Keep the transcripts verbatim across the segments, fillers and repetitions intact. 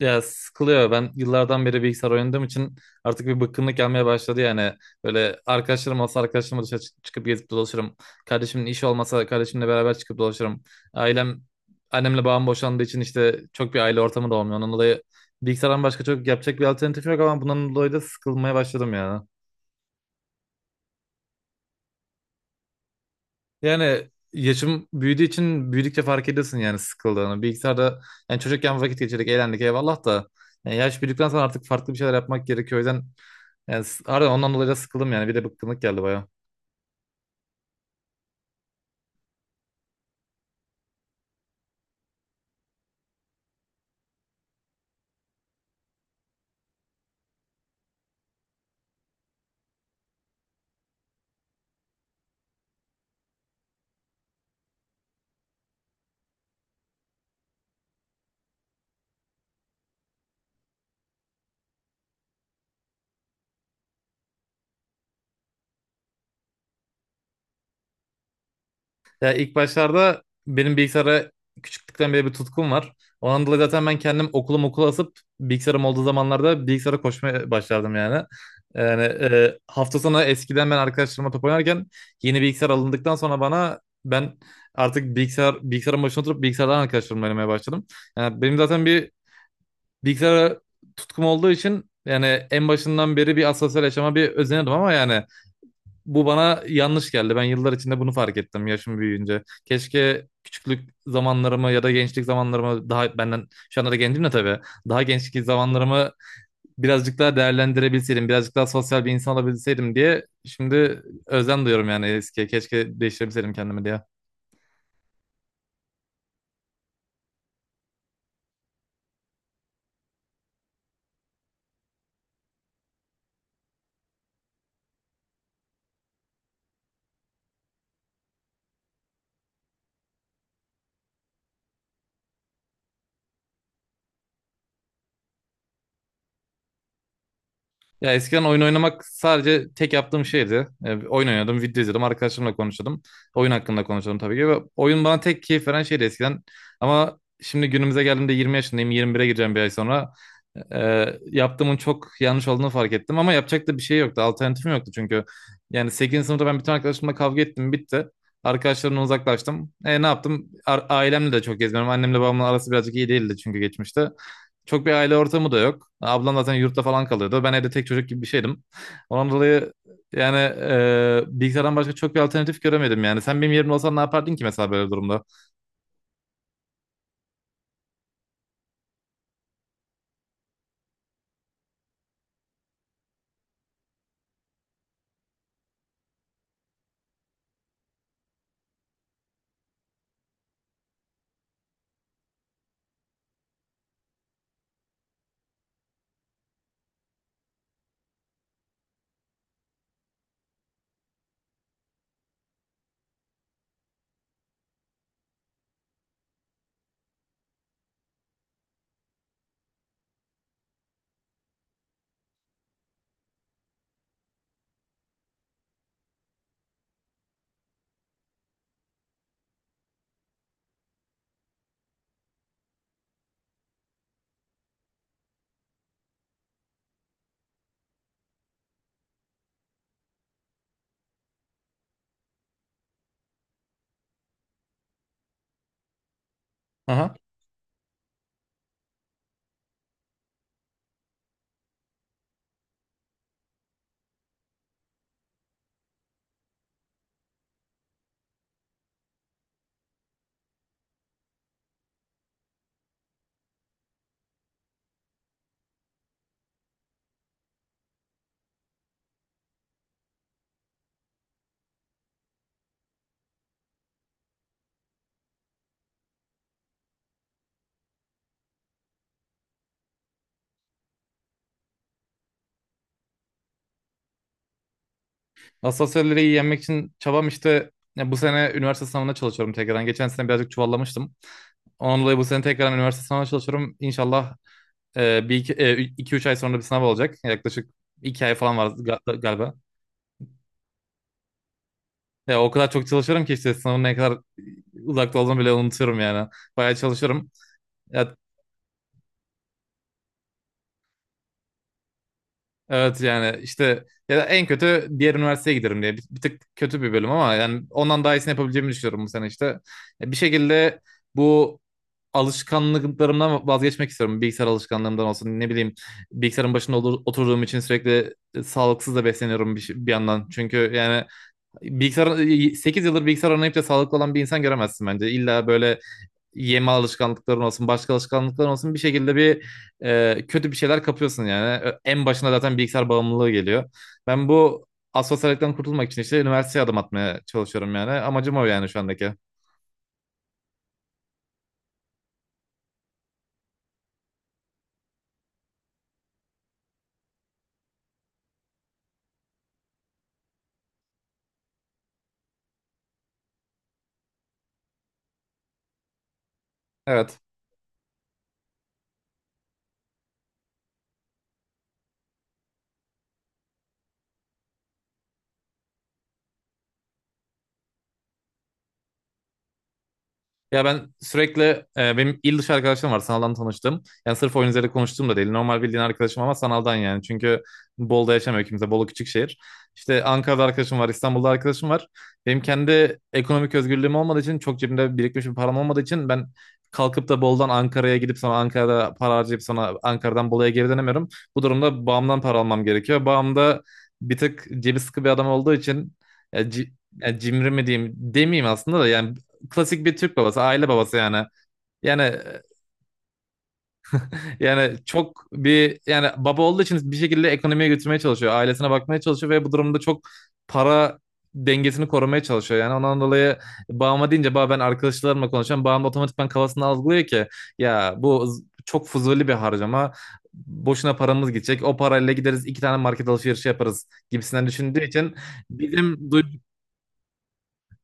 Ya sıkılıyor. Ben yıllardan beri bilgisayar oynadığım için artık bir bıkkınlık gelmeye başladı yani. Böyle arkadaşlarım olsa arkadaşlarımla dışarı çık- çıkıp gezip dolaşırım. Kardeşimin işi olmasa kardeşimle beraber çıkıp dolaşırım. Ailem, annemle babam boşandığı için işte çok bir aile ortamı da olmuyor. Ondan dolayı bilgisayardan başka çok yapacak bir alternatif yok ama bundan dolayı da sıkılmaya başladım ya. Yani yaşım büyüdüğü için büyüdükçe fark ediyorsun yani sıkıldığını. Bilgisayarda yani çocukken vakit geçirdik, eğlendik eyvallah da yani yaş büyüdükten sonra artık farklı bir şeyler yapmak gerekiyor. O yüzden yani s- harbiden ondan dolayı da sıkıldım yani. Bir de bıkkınlık geldi baya. Ya ilk başlarda benim bilgisayara küçüklükten beri bir tutkum var. Ondan dolayı zaten ben kendim okulum okula asıp bilgisayarım olduğu zamanlarda bilgisayara koşmaya başlardım yani. Yani e, hafta sonu eskiden ben arkadaşlarıma top oynarken yeni bilgisayar alındıktan sonra bana ben artık bilgisayar bilgisayarın başına oturup bilgisayardan arkadaşlarımla oynamaya başladım. Yani benim zaten bir bilgisayara tutkum olduğu için yani en başından beri bir asosyal yaşama bir özenirdim ama yani bu bana yanlış geldi. Ben yıllar içinde bunu fark ettim yaşım büyüyünce. Keşke küçüklük zamanlarımı ya da gençlik zamanlarımı daha benden şu anda da gencim de tabii. Daha gençlik zamanlarımı birazcık daha değerlendirebilseydim, birazcık daha sosyal bir insan olabilseydim diye şimdi özlem duyuyorum yani eskiye. Keşke değiştirebilseydim kendimi diye. Ya eskiden oyun oynamak sadece tek yaptığım şeydi. E, oyun oynadım, video izledim, arkadaşlarımla konuşuyordum. Oyun hakkında konuşuyordum tabii ki. Ve oyun bana tek keyif veren şeydi eskiden. Ama şimdi günümüze geldiğimde yirmi yaşındayım, yirmi bire gireceğim bir ay sonra. E, Yaptığımın çok yanlış olduğunu fark ettim. Ama yapacak da bir şey yoktu, alternatifim yoktu çünkü. Yani sekizinci sınıfta ben bütün arkadaşlarımla kavga ettim, bitti. Arkadaşlarımdan uzaklaştım. E, ne yaptım? A- ailemle de çok gezmiyorum. Annemle babamla arası birazcık iyi değildi çünkü geçmişte. Çok bir aile ortamı da yok. Ablam zaten yurtta falan kalıyordu. Ben evde tek çocuk gibi bir şeydim. Ondan dolayı yani e, bilgisayardan başka çok bir alternatif göremedim yani. Sen benim yerimde olsan ne yapardın ki mesela böyle bir durumda? Aha. Asosyalleri iyi yenmek için çabam işte, ya bu sene üniversite sınavına çalışıyorum tekrardan. Geçen sene birazcık çuvallamıştım. Ondan dolayı bu sene tekrardan üniversite sınavına çalışıyorum. İnşallah e, bir iki, üç ay sonra bir sınav olacak. Yaklaşık iki ay falan var ga- galiba. Ya o kadar çok çalışıyorum ki işte sınavın ne kadar uzakta olduğunu bile unutuyorum yani. Bayağı çalışıyorum. Ya, evet yani işte, ya da en kötü diğer üniversiteye giderim diye. Bir, bir tık kötü bir bölüm ama yani ondan daha iyisini yapabileceğimi düşünüyorum bu sene işte. Ya bir şekilde bu alışkanlıklarımdan vazgeçmek istiyorum. Bilgisayar alışkanlığımdan olsun ne bileyim. Bilgisayarın başında olur- oturduğum için sürekli e, sağlıksız da besleniyorum bir, şey- bir yandan. Çünkü yani bilgisayar sekiz yıldır bilgisayar oynayıp da sağlıklı olan bir insan göremezsin bence. İlla böyle yeme alışkanlıkların olsun, başka alışkanlıkların olsun bir şekilde bir e, kötü bir şeyler kapıyorsun yani. Ö- En başına zaten bilgisayar bağımlılığı geliyor. Ben bu asosyalikten kurtulmak için işte üniversiteye adım atmaya çalışıyorum yani. Amacım o yani şu andaki. Evet. Ya ben sürekli e, benim il dışı arkadaşlarım var, sanaldan tanıştım. Yani sırf oyun üzerinde konuştuğum da değil. Normal bildiğin arkadaşım ama sanaldan yani. Çünkü Bolu'da yaşamıyor kimse. Bolu küçük şehir. İşte Ankara'da arkadaşım var, İstanbul'da arkadaşım var. Benim kendi ekonomik özgürlüğüm olmadığı için, çok cebimde birikmiş bir param olmadığı için ben kalkıp da Bolu'dan Ankara'ya gidip sonra Ankara'da para harcayıp sonra Ankara'dan Bolu'ya geri dönemiyorum. Bu durumda bağımdan para almam gerekiyor. Bağım da bir tık cebi sıkı bir adam olduğu için e, ci- yani cimri mi diyeyim demeyeyim aslında da, yani klasik bir Türk babası, aile babası yani. Yani yani çok bir yani baba olduğu için bir şekilde ekonomiye götürmeye çalışıyor, ailesine bakmaya çalışıyor ve bu durumda çok para dengesini korumaya çalışıyor. Yani ondan dolayı babama deyince, baba ben arkadaşlarımla konuşuyorum. Babam da otomatikman kafasında algılıyor ki ya bu z- çok fuzuli bir harcama. Boşuna paramız gidecek. O parayla gideriz, iki tane market alışverişi yaparız gibisinden düşündüğü için bizim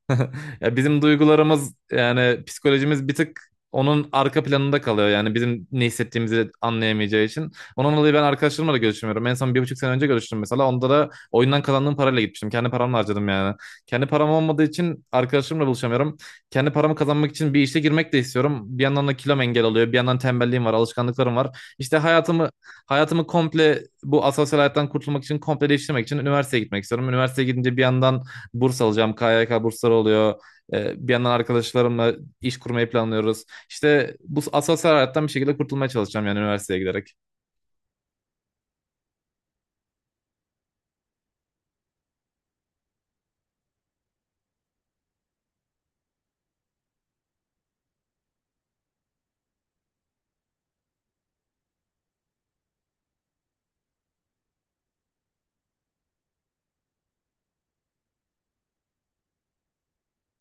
ya bizim duygularımız yani psikolojimiz bir tık onun arka planında kalıyor. Yani bizim ne hissettiğimizi anlayamayacağı için. Ondan dolayı ben arkadaşlarımla da görüşmüyorum. En son bir buçuk sene önce görüştüm mesela. Onda da oyundan kazandığım parayla gitmiştim. Kendi paramla harcadım yani. Kendi param olmadığı için arkadaşlarımla buluşamıyorum. Kendi paramı kazanmak için bir işe girmek de istiyorum. Bir yandan da kilom engel oluyor. Bir yandan tembelliğim var, alışkanlıklarım var. İşte hayatımı hayatımı komple, bu asosyal hayattan kurtulmak için, komple değiştirmek için üniversiteye gitmek istiyorum. Üniversiteye gidince bir yandan burs alacağım. K Y K bursları oluyor. E, bir yandan arkadaşlarımla iş kurmayı planlıyoruz. İşte bu asosyal hayattan bir şekilde kurtulmaya çalışacağım yani, üniversiteye giderek.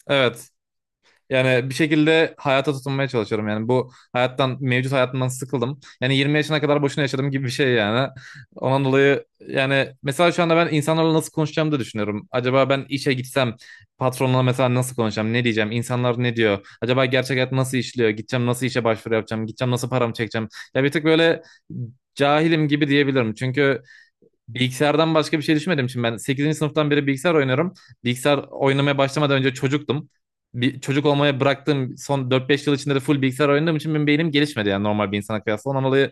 Evet. Yani bir şekilde hayata tutunmaya çalışıyorum. Yani bu hayattan, mevcut hayatımdan sıkıldım. Yani yirmi yaşına kadar boşuna yaşadım gibi bir şey yani. Ondan dolayı yani mesela şu anda ben insanlarla nasıl konuşacağımı da düşünüyorum. Acaba ben işe gitsem patronla mesela nasıl konuşacağım, ne diyeceğim, insanlar ne diyor? Acaba gerçek hayat nasıl işliyor? Gideceğim, nasıl işe başvuru yapacağım? Gideceğim, nasıl paramı çekeceğim? Ya bir tık böyle cahilim gibi diyebilirim. Çünkü bilgisayardan başka bir şey düşünmedim için ben sekizinci sınıftan beri bilgisayar oynuyorum. Bilgisayar oynamaya başlamadan önce çocuktum. Bir çocuk olmaya bıraktığım son dört beş yıl içinde de full bilgisayar oynadığım için benim beynim gelişmedi yani normal bir insana kıyasla. Ondan dolayı,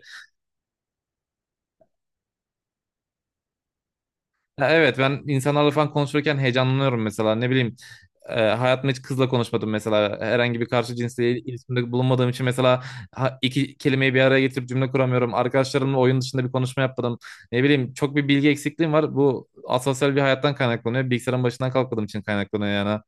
ya Evet, ben insanlarla falan konuşurken heyecanlanıyorum mesela. Ne bileyim, e, hayatımda hiç kızla konuşmadım mesela, herhangi bir karşı cinsle il- iletişimde bulunmadığım için, mesela ha- iki kelimeyi bir araya getirip cümle kuramıyorum. Arkadaşlarımla oyun dışında bir konuşma yapmadım, ne bileyim. Çok bir bilgi eksikliğim var, bu asosyal bir hayattan kaynaklanıyor, bilgisayarın başından kalkmadığım için kaynaklanıyor yani.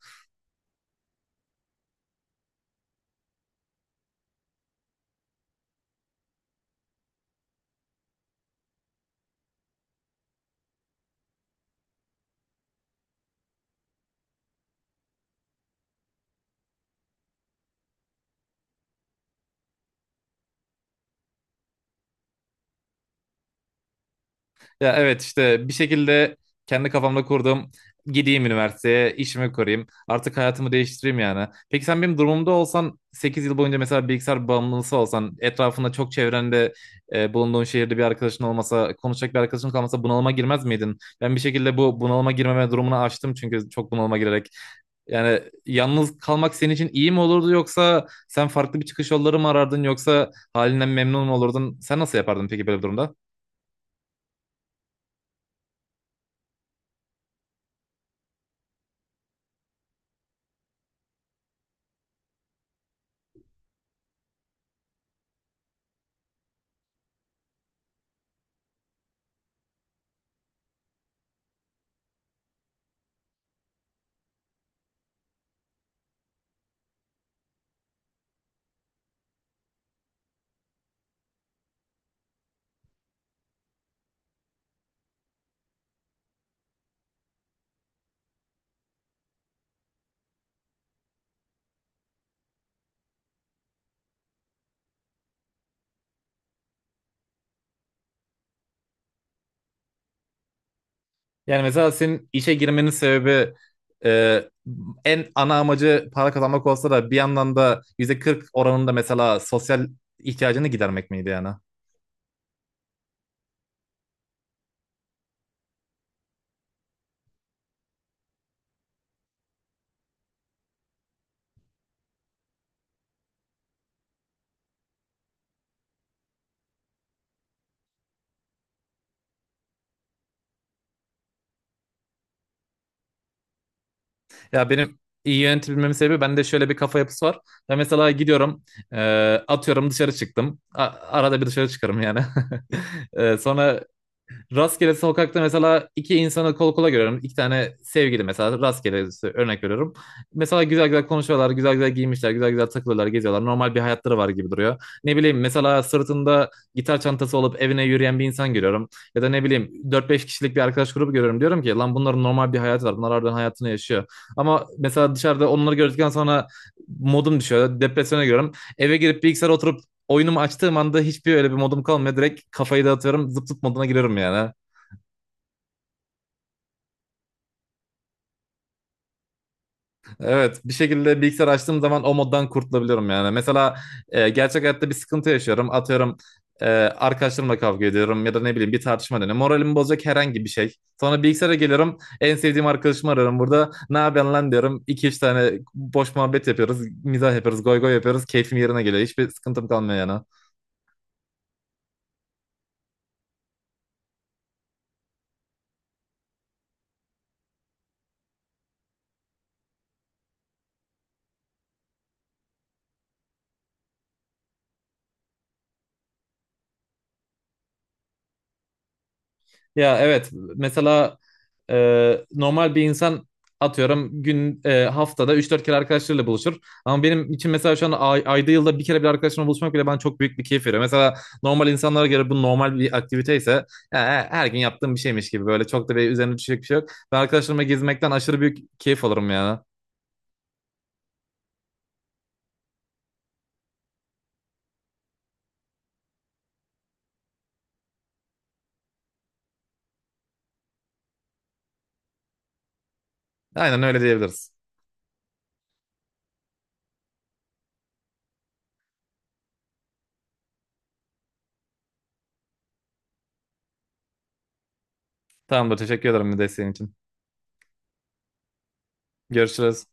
Ya evet işte, bir şekilde kendi kafamda kurdum. Gideyim üniversiteye, işimi kurayım. Artık hayatımı değiştireyim yani. Peki sen benim durumumda olsan, sekiz yıl boyunca mesela bilgisayar bağımlısı olsan, etrafında çok, çevrende e, bulunduğun şehirde bir arkadaşın olmasa, konuşacak bir arkadaşın kalmasa bunalıma girmez miydin? Ben bir şekilde bu bunalıma girmeme durumunu aştım çünkü, çok bunalıma girerek. Yani yalnız kalmak senin için iyi mi olurdu, yoksa sen farklı bir çıkış yolları mı arardın, yoksa halinden memnun mu olurdun? Sen nasıl yapardın peki böyle bir durumda? Yani mesela senin işe girmenin sebebi, e, en ana amacı para kazanmak olsa da bir yandan da yüzde kırk oranında mesela sosyal ihtiyacını gidermek miydi yani? Ya benim iyi yönetebilmemin sebebi, bende şöyle bir kafa yapısı var. Ben mesela gidiyorum, e, atıyorum dışarı çıktım. A- arada bir dışarı çıkarım yani. E, sonra rastgele sokakta mesela iki insanı kol kola görüyorum. İki tane sevgili mesela, rastgele örnek veriyorum. Mesela güzel güzel konuşuyorlar, güzel güzel giymişler, güzel güzel takılıyorlar, geziyorlar. Normal bir hayatları var gibi duruyor. Ne bileyim mesela sırtında gitar çantası olup evine yürüyen bir insan görüyorum. Ya da ne bileyim dört beş kişilik bir arkadaş grubu görüyorum. Diyorum ki lan bunların normal bir hayatı var. Bunlar harbiden hayatını yaşıyor. Ama mesela dışarıda onları gördükten sonra modum düşüyor. Depresyona giriyorum. Eve girip bilgisayara oturup oyunumu açtığım anda hiçbir öyle bir modum kalmıyor. Direkt kafayı dağıtıyorum. Zıp zıp moduna giriyorum yani. Evet, bir şekilde bilgisayar açtığım zaman o moddan kurtulabiliyorum yani. Mesela e, gerçek hayatta bir sıkıntı yaşıyorum. Atıyorum e, arkadaşlarımla kavga ediyorum ya da ne bileyim bir tartışma dönüyor. Moralimi bozacak herhangi bir şey. Sonra bilgisayara geliyorum. En sevdiğim arkadaşımı ararım burada. Ne yapıyorsun lan diyorum. İki üç tane boş muhabbet yapıyoruz. Mizah yapıyoruz. Goy goy yapıyoruz. Keyfim yerine geliyor. Hiçbir sıkıntım kalmıyor yani. Ya evet, mesela e, normal bir insan, atıyorum gün e, haftada üç dört kere arkadaşlarıyla buluşur. Ama benim için mesela şu an ay- ayda, yılda bir kere bir arkadaşımla buluşmak bile bana çok büyük bir keyif veriyor. Mesela normal insanlara göre bu normal bir aktivite ise, e, e, her gün yaptığım bir şeymiş gibi böyle çok da bir üzerine düşecek bir şey yok. Ben arkadaşlarımla gezmekten aşırı büyük keyif alırım ya. Aynen öyle diyebiliriz. Tamamdır, teşekkür ederim desteğin için. Görüşürüz.